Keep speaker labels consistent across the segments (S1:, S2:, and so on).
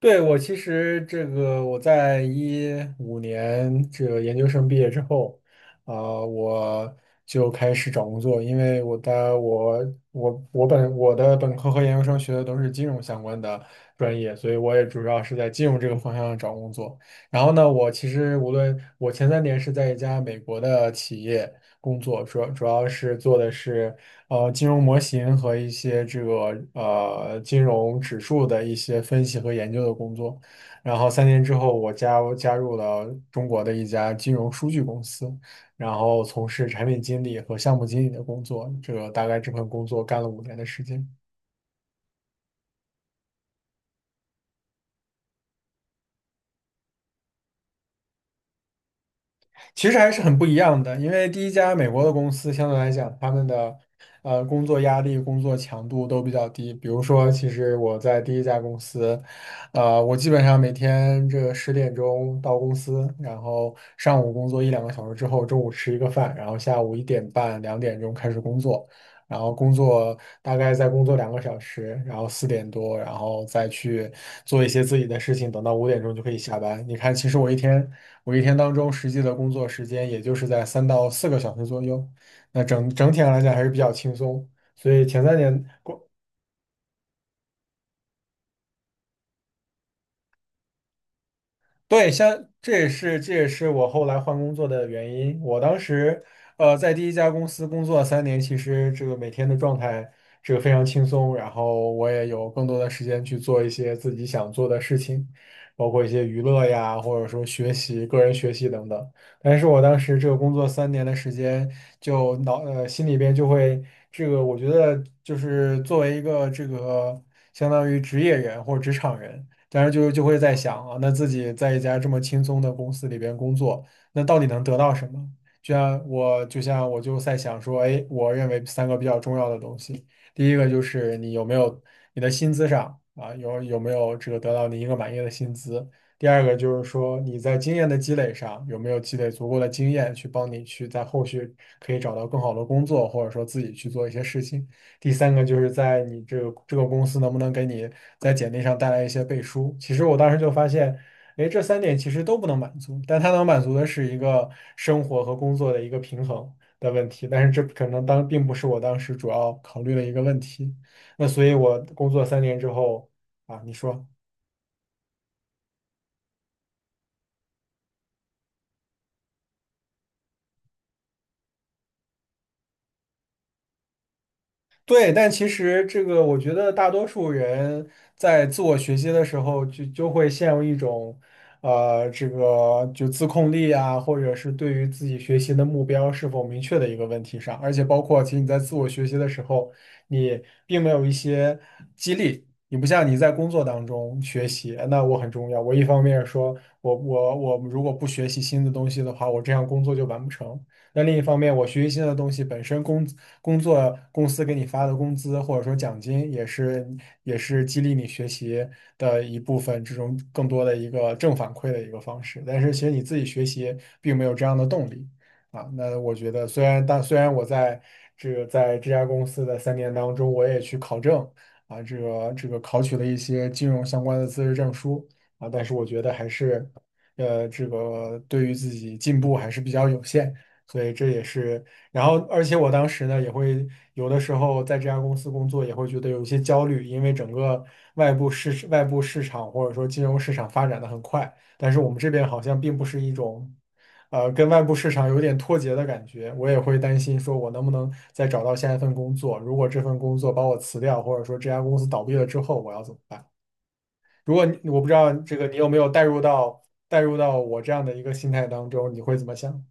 S1: 对，我在2015年这个研究生毕业之后，我就开始找工作，因为我的本科和研究生学的都是金融相关的专业，所以我也主要是在金融这个方向找工作。然后呢，我其实无论我前三年是在一家美国的企业工作，主要是做的是。金融模型和一些这个金融指数的一些分析和研究的工作。然后三年之后，我加入了中国的一家金融数据公司，然后从事产品经理和项目经理的工作。这个大概这份工作干了5年的时间。其实还是很不一样的，因为第一家美国的公司相对来讲，他们的工作压力、工作强度都比较低。比如说，其实我在第一家公司，我基本上每天这个10点钟到公司，然后上午工作一两个小时之后，中午吃一个饭，然后下午1点半、2点钟开始工作，然后工作大概再工作两个小时，然后4点多，然后再去做一些自己的事情，等到5点钟就可以下班。你看，其实我一天。我一天当中实际的工作时间也就是在3到4个小时左右，那整体上来讲还是比较轻松。所以前三年。对，像这也是我后来换工作的原因。我当时，在第一家公司工作三年，其实这个每天的状态这个非常轻松，然后我也有更多的时间去做一些自己想做的事情，包括一些娱乐呀，或者说学习、个人学习等等。但是我当时这个工作3年的时间，就心里边就会这个，我觉得就是作为一个这个相当于职业人或者职场人。但是就会在想啊，那自己在一家这么轻松的公司里边工作，那到底能得到什么？就像我就在想说，哎，我认为三个比较重要的东西，第一个就是你有没有你的薪资上啊，有没有这个得到你一个满意的薪资？第二个就是说你在经验的积累上有没有积累足够的经验去帮你去在后续可以找到更好的工作，或者说自己去做一些事情。第三个就是在你这个公司能不能给你在简历上带来一些背书。其实我当时就发现，哎，这三点其实都不能满足，但它能满足的是一个生活和工作的一个平衡的问题。但是这可能当并不是我当时主要考虑的一个问题。那所以，我工作三年之后啊，你说。对，但其实这个，我觉得大多数人在自我学习的时候就会陷入一种，这个就自控力啊，或者是对于自己学习的目标是否明确的一个问题上。而且包括，其实你在自我学习的时候，你并没有一些激励，你不像你在工作当中学习，那我很重要。我一方面说我如果不学习新的东西的话，我这样工作就完不成。那另一方面，我学习新的东西本身工作公司给你发的工资或者说奖金，也是也是激励你学习的一部分，这种更多的一个正反馈的一个方式。但是其实你自己学习并没有这样的动力啊。那我觉得，虽然我在这个在这家公司的3年当中，我也去考证啊，这个考取了一些金融相关的资质证书啊，但是我觉得还是这个对于自己进步还是比较有限。所以这也是，然后而且我当时呢也会有的时候在这家公司工作也会觉得有一些焦虑，因为整个外部市场或者说金融市场发展的很快，但是我们这边好像并不是一种，跟外部市场有点脱节的感觉。我也会担心说我能不能再找到下一份工作，如果这份工作把我辞掉，或者说这家公司倒闭了之后，我要怎么办？如果你我不知道这个你有没有带入到我这样的一个心态当中，你会怎么想？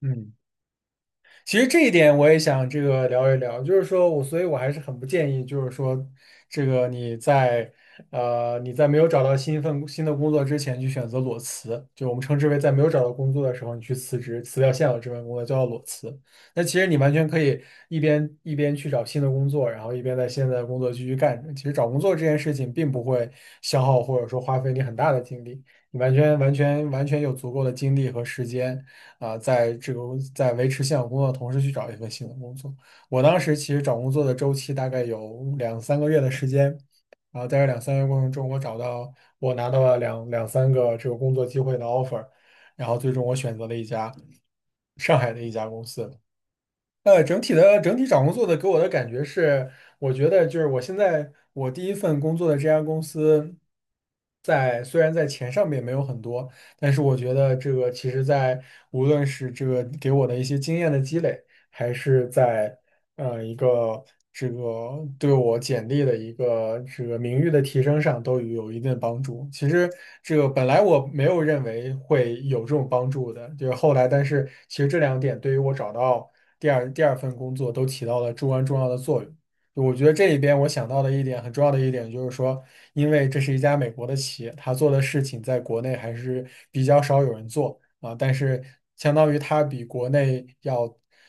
S1: 嗯。其实这一点我也想这个聊一聊，就是说我，所以我还是很不建议，就是说，这个你在没有找到新一份新的工作之前去选择裸辞，就我们称之为在没有找到工作的时候你去辞职，辞掉现有这份工作叫做裸辞。那其实你完全可以一边去找新的工作，然后一边在现在的工作继续干着。其实找工作这件事情并不会消耗或者说花费你很大的精力，你完全有足够的精力和时间。在这个在维持现有工作的同时去找一份新的工作。我当时其实找工作的周期大概有两三个月的时间，然后在这两三个月过程中，我拿到了两三个这个工作机会的 offer,然后最终我选择了一家上海的一家公司。整体找工作的给我的感觉是，我觉得就是我现在我第一份工作的这家公司在，虽然在钱上面没有很多，但是我觉得这个其实在无论是这个给我的一些经验的积累，还是在一个这个对我简历的一个这个名誉的提升上都有一定的帮助。其实这个本来我没有认为会有这种帮助的，就是后来，但是其实这两点对于我找到第二份工作都起到了至关重要的作用。我觉得这里边我想到的一点很重要的一点就是说，因为这是一家美国的企业，它做的事情在国内还是比较少有人做。啊，但是相当于它比国内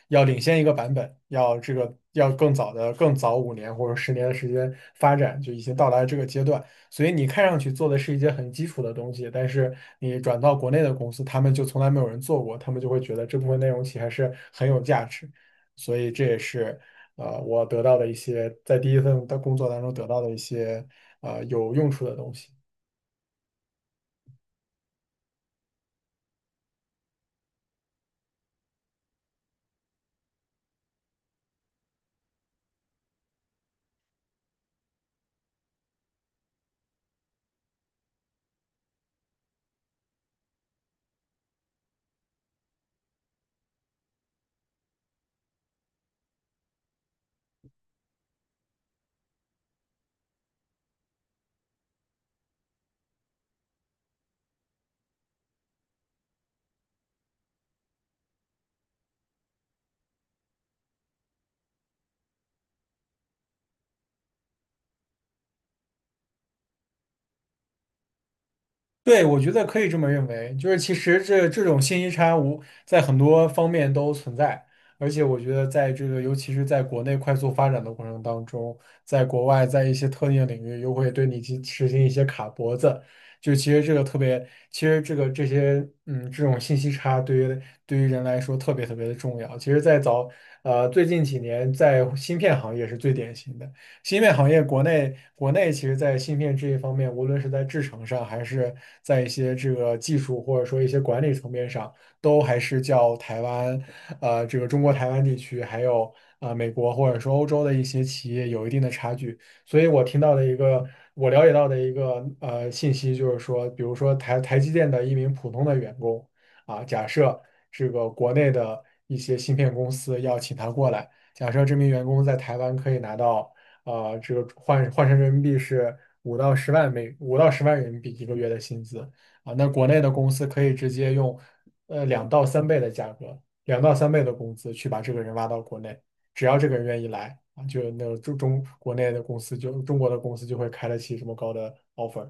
S1: 要领先一个版本，要这个要更早的更早5年或者10年的时间发展，就已经到达了这个阶段。所以你看上去做的是一些很基础的东西，但是你转到国内的公司，他们就从来没有人做过，他们就会觉得这部分内容其实还是很有价值。所以这也是我得到的一些在第一份的工作当中得到的一些有用处的东西。对，我觉得可以这么认为，就是其实这种信息差无在很多方面都存在，而且我觉得在这个尤其是在国内快速发展的过程当中，在国外在一些特定领域又会对你去实行一些卡脖子，就其实这个特别，其实这个这些这种信息差对于人来说特别特别的重要。其实，最近几年，在芯片行业是最典型的。芯片行业国内其实，在芯片这一方面，无论是在制程上，还是在一些这个技术或者说一些管理层面上，都还是较台湾，这个中国台湾地区，还有美国或者说欧洲的一些企业有一定的差距。所以我了解到的一个信息就是说，比如说台积电的一名普通的员工啊，假设这个国内的一些芯片公司要请他过来，假设这名员工在台湾可以拿到。这个换成人民币是5到10万人民币一个月的薪资啊。那国内的公司可以直接用两到三倍的价格，两到三倍的工资去把这个人挖到国内，只要这个人愿意来啊，就中国的公司就会开得起这么高的 offer。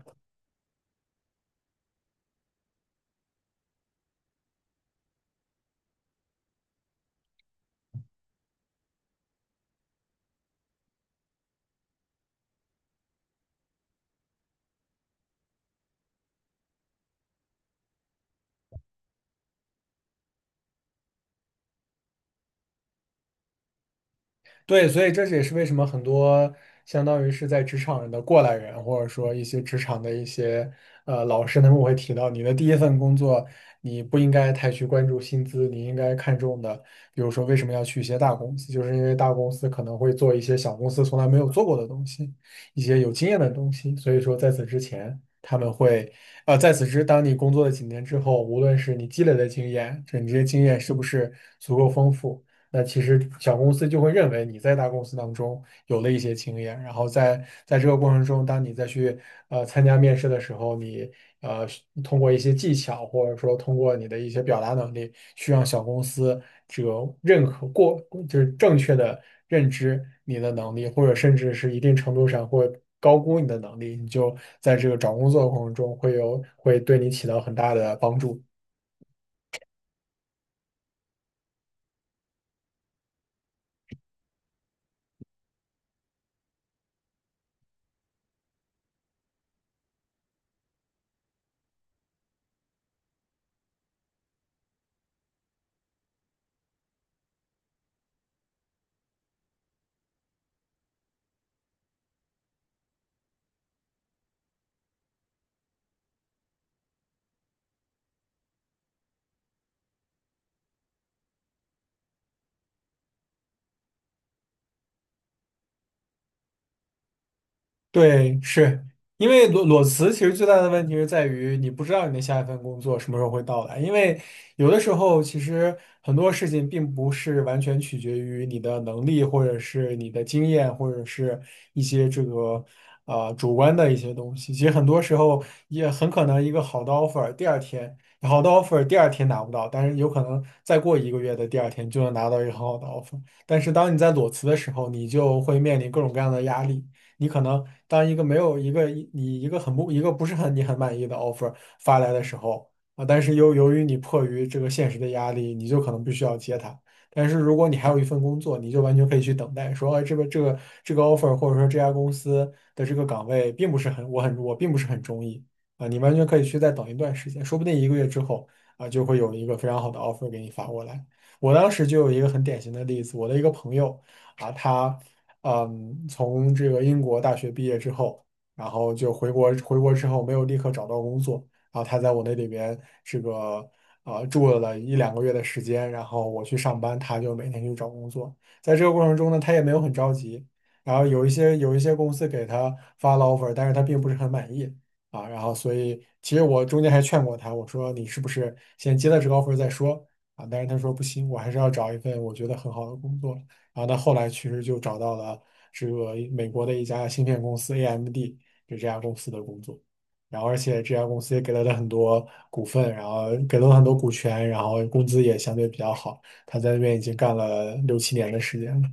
S1: 对，所以这也是为什么很多相当于是在职场人的过来人，或者说一些职场的一些老师，他们会提到，你的第一份工作，你不应该太去关注薪资，你应该看重的，比如说为什么要去一些大公司，就是因为大公司可能会做一些小公司从来没有做过的东西，一些有经验的东西。所以说，在此之前，他们会呃，在此之，当你工作了几年之后，无论是你积累的经验，这些经验是不是足够丰富？那其实小公司就会认为你在大公司当中有了一些经验，然后在这个过程中，当你再去参加面试的时候，你呃通过一些技巧，或者说通过你的一些表达能力，去让小公司这个认可过，就是正确的认知你的能力，或者甚至是一定程度上会高估你的能力，你就在这个找工作的过程中会对你起到很大的帮助。对，是因为裸辞，其实最大的问题是在于你不知道你的下一份工作什么时候会到来。因为有的时候，其实很多事情并不是完全取决于你的能力，或者是你的经验，或者是一些这个主观的一些东西。其实很多时候也很可能一个好的 offer，第二天好的 offer 第二天拿不到，但是有可能再过一个月的第二天就能拿到一个很好的 offer。但是当你在裸辞的时候，你就会面临各种各样的压力。你可能当一个没有一个你一个很不一个不是很你很满意的 offer 发来的时候啊，但是又由于你迫于这个现实的压力，你就可能必须要接它。但是如果你还有一份工作，你就完全可以去等待，说，哎，这个 offer 或者说这家公司的这个岗位并不是很中意啊，你完全可以去再等一段时间，说不定1个月之后啊就会有一个非常好的 offer 给你发过来。我当时就有一个很典型的例子，我的一个朋友。啊，他。嗯，从这个英国大学毕业之后，然后就回国，回国之后没有立刻找到工作，然后他在我那里边这个住了1到2个月的时间，然后我去上班，他就每天去找工作。在这个过程中呢，他也没有很着急，然后有一些公司给他发了 offer,但是他并不是很满意啊，然后所以其实我中间还劝过他，我说你是不是先接了这个 offer 再说啊？但是他说不行，我还是要找一份我觉得很好的工作。然后他后来其实就找到了这个美国的一家芯片公司 AMD,就这家公司的工作。然后而且这家公司也给了他很多股份，然后给了他很多股权，然后工资也相对比较好。他在那边已经干了6到7年的时间了。